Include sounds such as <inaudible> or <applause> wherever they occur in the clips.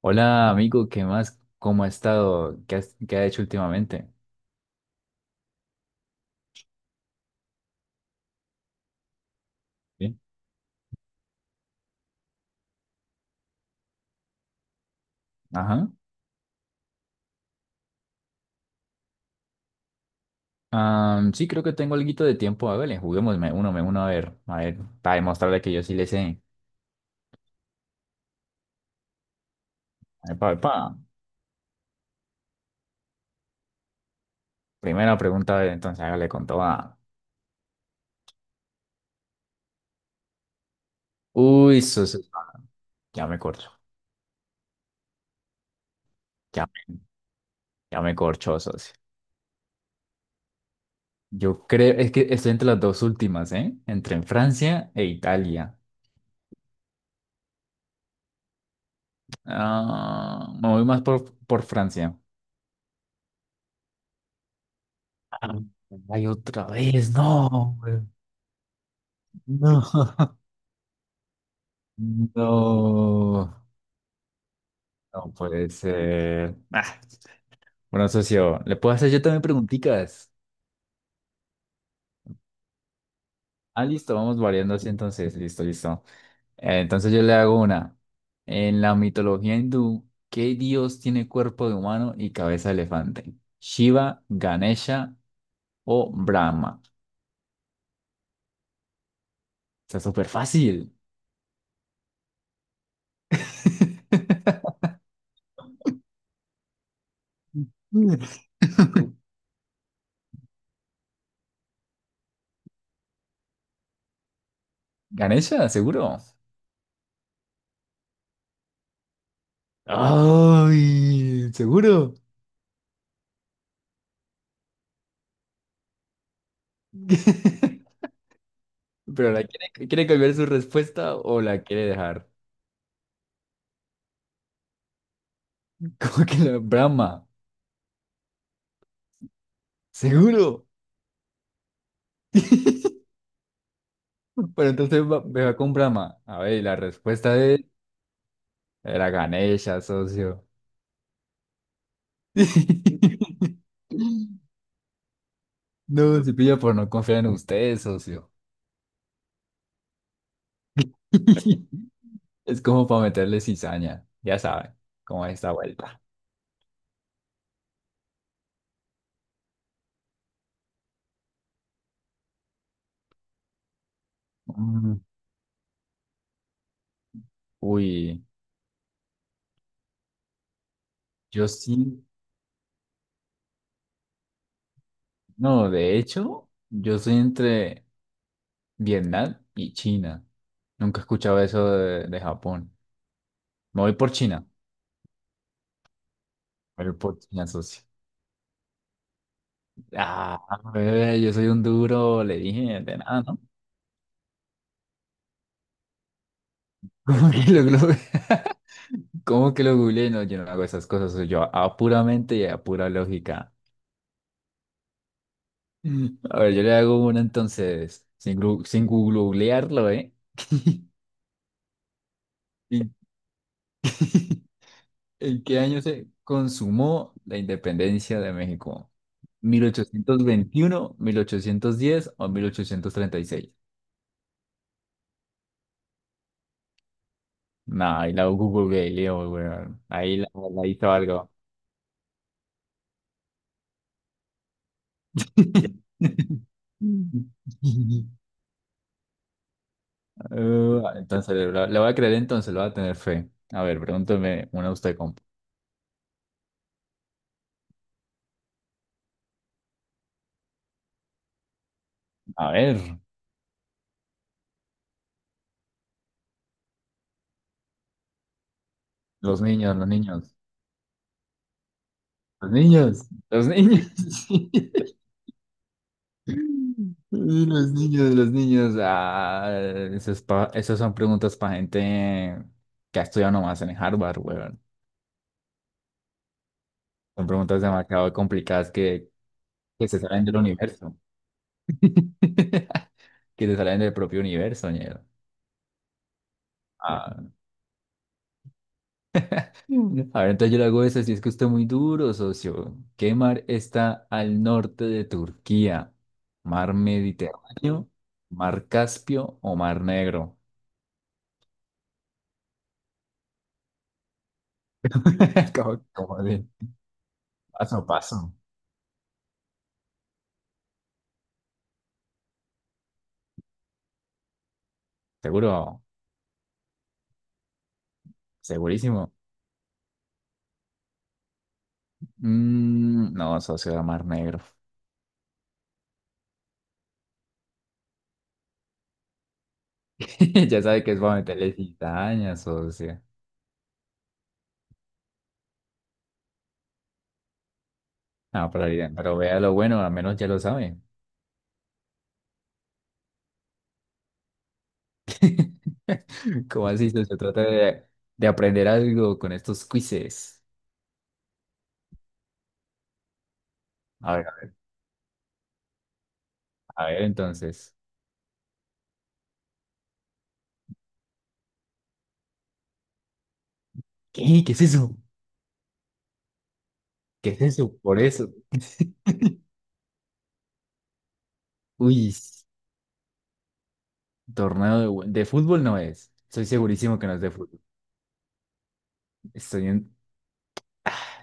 Hola, amigo, ¿qué más? ¿Cómo ha estado? ¿Qué ha hecho últimamente? Bien. Ajá. Ah, sí, creo que tengo alguito de tiempo. Hágale, juguemos, me uno a ver, para demostrarle que yo sí le sé. Epa, epa. Primera pregunta, a ver, entonces hágale con toda. Uy, socio, ya me corcho, ya, me- ya me corcho, socio. Yo creo, es que estoy entre las dos últimas, ¿eh? Entre en Francia e Italia. Ah, me voy más por Francia. Ah, ay, otra vez, no. No, <laughs> no, no puede ser. Ah, bueno, socio, ¿le puedo hacer yo también preguntitas? Ah, listo, vamos variando así entonces. Listo, listo. Entonces yo le hago una. En la mitología hindú, ¿qué dios tiene cuerpo de humano y cabeza de elefante? ¿Shiva, Ganesha o Brahma? Está súper fácil. <laughs> ¿Ganesha? ¿Seguro? ¡Ay! ¿Seguro? <laughs> Pero la quiere cambiar su respuesta o la quiere dejar. <laughs> ¿Como que la Brahma? ¿Seguro? <laughs> Bueno, entonces me va con Brahma. A ver, y la respuesta de él era Ganesha, socio. <laughs> No, se pilla por no confiar en ustedes, socio. <laughs> Es como para meterle cizaña. Ya saben cómo es esta vuelta. Mm. Uy, yo sí. No, de hecho, yo soy entre. Vietnam y China. Nunca he escuchado eso de Japón. Me voy por China. Me voy por China, socio. Ah, bebé, yo soy un duro, le dije, de nada, ¿no? <laughs> ¿Cómo que lo googleé? <laughs> ¿Cómo que lo googleé? No, yo no hago esas cosas, soy yo a puramente y a pura lógica. A ver, yo le hago una entonces, sin googlearlo, ¿eh? <laughs> Y- <laughs> ¿En qué año se consumó la independencia de México? ¿Mil ochocientos veintiuno, 1810 o 1836? Nah, ahí la Google Galileo, weón. Ahí la hizo algo. <laughs> Entonces, le voy a creer entonces, le voy a tener fe. A ver, pregúntame una usted, compa. A ver, los niños, los niños, los niños, los niños. <laughs> Y los niños, los niños. Ah, esas son preguntas para gente que ha estudiado nomás en Harvard, weón. Son preguntas demasiado complicadas que se salen del universo. <laughs> Que se salen del propio universo, ñero. Ah. Mm. A ver, entonces yo le hago esa. Si es que usted es muy duro, socio. ¿Qué mar está al norte de Turquía? ¿Mar Mediterráneo, Mar Caspio o Mar Negro? <laughs> Como, como de paso a paso. ¿Seguro? ¿Segurísimo? Mm, no, socio, de Mar Negro. <laughs> Ya sabe que es para meterle cizañas, socio. No, pero, bien, pero vea lo bueno, al menos ya lo sabe. <laughs> ¿Cómo así, socio? Trata de aprender algo con estos quizzes. A ver, a ver, entonces. ¿Qué? ¿Qué es eso? ¿Qué es eso? Por eso. <laughs> Uy, torneo de fútbol no es. Estoy segurísimo que no es de fútbol. Estoy en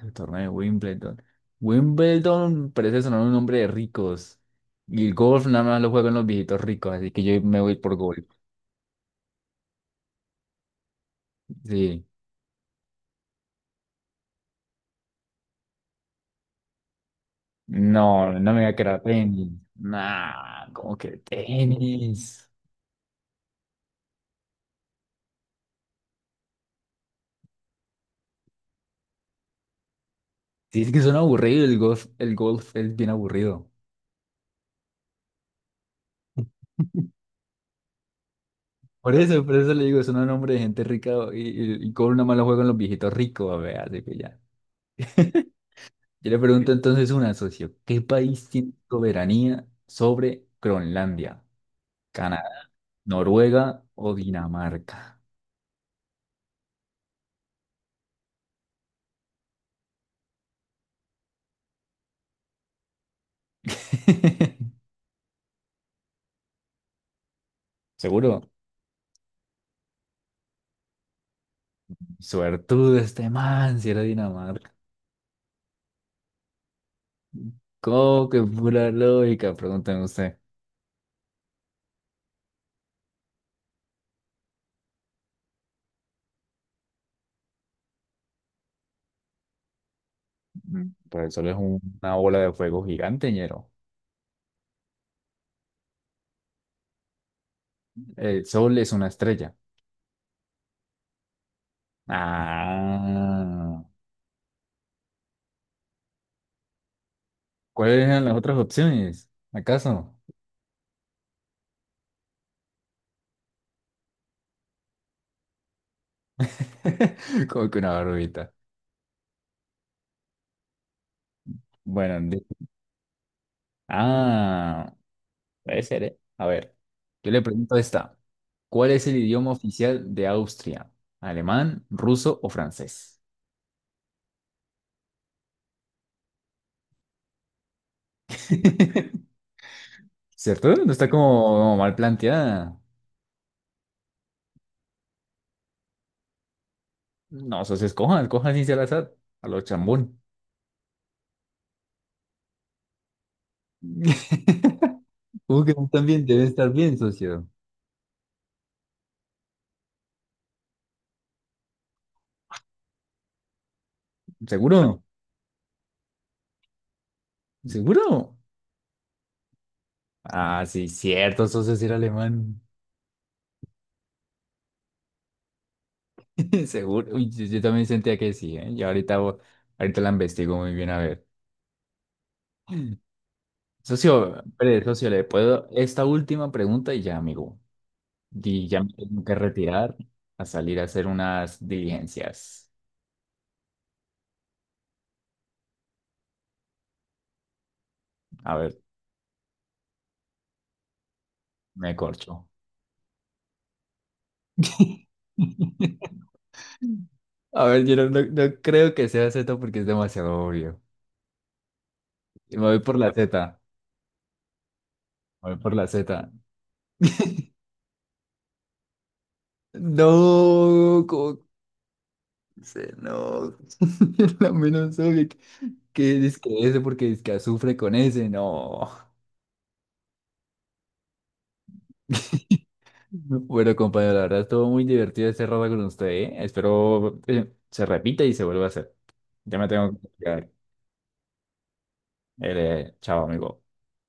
el torneo de Wimbledon. Wimbledon parece sonar un nombre de ricos. Y el golf nada más lo juegan los viejitos ricos, así que yo me voy por golf. Sí. No, no me voy a quedar tenis. Nah, como que tenis. Sí, es que suena aburrido el golf. El golf es bien aburrido. Por eso le digo, suena un nombre de gente rica y golf nada más lo juegan los viejitos ricos, a ver, así que ya. <laughs> Yo le pregunto entonces una, socio, ¿qué país tiene soberanía sobre Groenlandia? Canadá, Noruega o Dinamarca. <laughs> Seguro, suertudo este man si era Dinamarca. ¿Cómo que pura lógica? Pregúnteme usted. Mm. Pues el sol es una bola de fuego gigante, ñero. El sol es una estrella. Ah, ¿cuáles eran las otras opciones? ¿Acaso? <laughs> Como que una barbita. Bueno, ah, puede ser, ¿eh? A ver, yo le pregunto esta. ¿Cuál es el idioma oficial de Austria? ¿Alemán, ruso o francés? <laughs> ¿Cierto? No está como mal planteada. No, eso se escoja, escoja sin ser azar, a lo chambón. <laughs> ¿Cómo que no están bien? Deben estar bien, socio. ¿Seguro? ¿Seguro? Ah, sí, cierto, eso es decir alemán. <laughs> Seguro. Uy, yo también sentía que sí, ¿eh? Y ahorita, ahorita la investigo muy bien, a ver. Socio, espere, socio, le puedo esta última pregunta y ya, amigo. Y ya me tengo que retirar a salir a hacer unas diligencias. A ver, me corcho. <laughs> A ver, yo no, no creo que sea Z porque es demasiado obvio. Y me voy por la Z. Me voy por la Z. <laughs> No, no. <laughs> La menos obvia que dice que ese porque dice que azufre con ese, no. <laughs> Bueno, compañero, la verdad estuvo muy divertido este rato con usted, ¿eh? Espero se repita y se vuelva a hacer. Ya me tengo que quedar. Chao, amigo.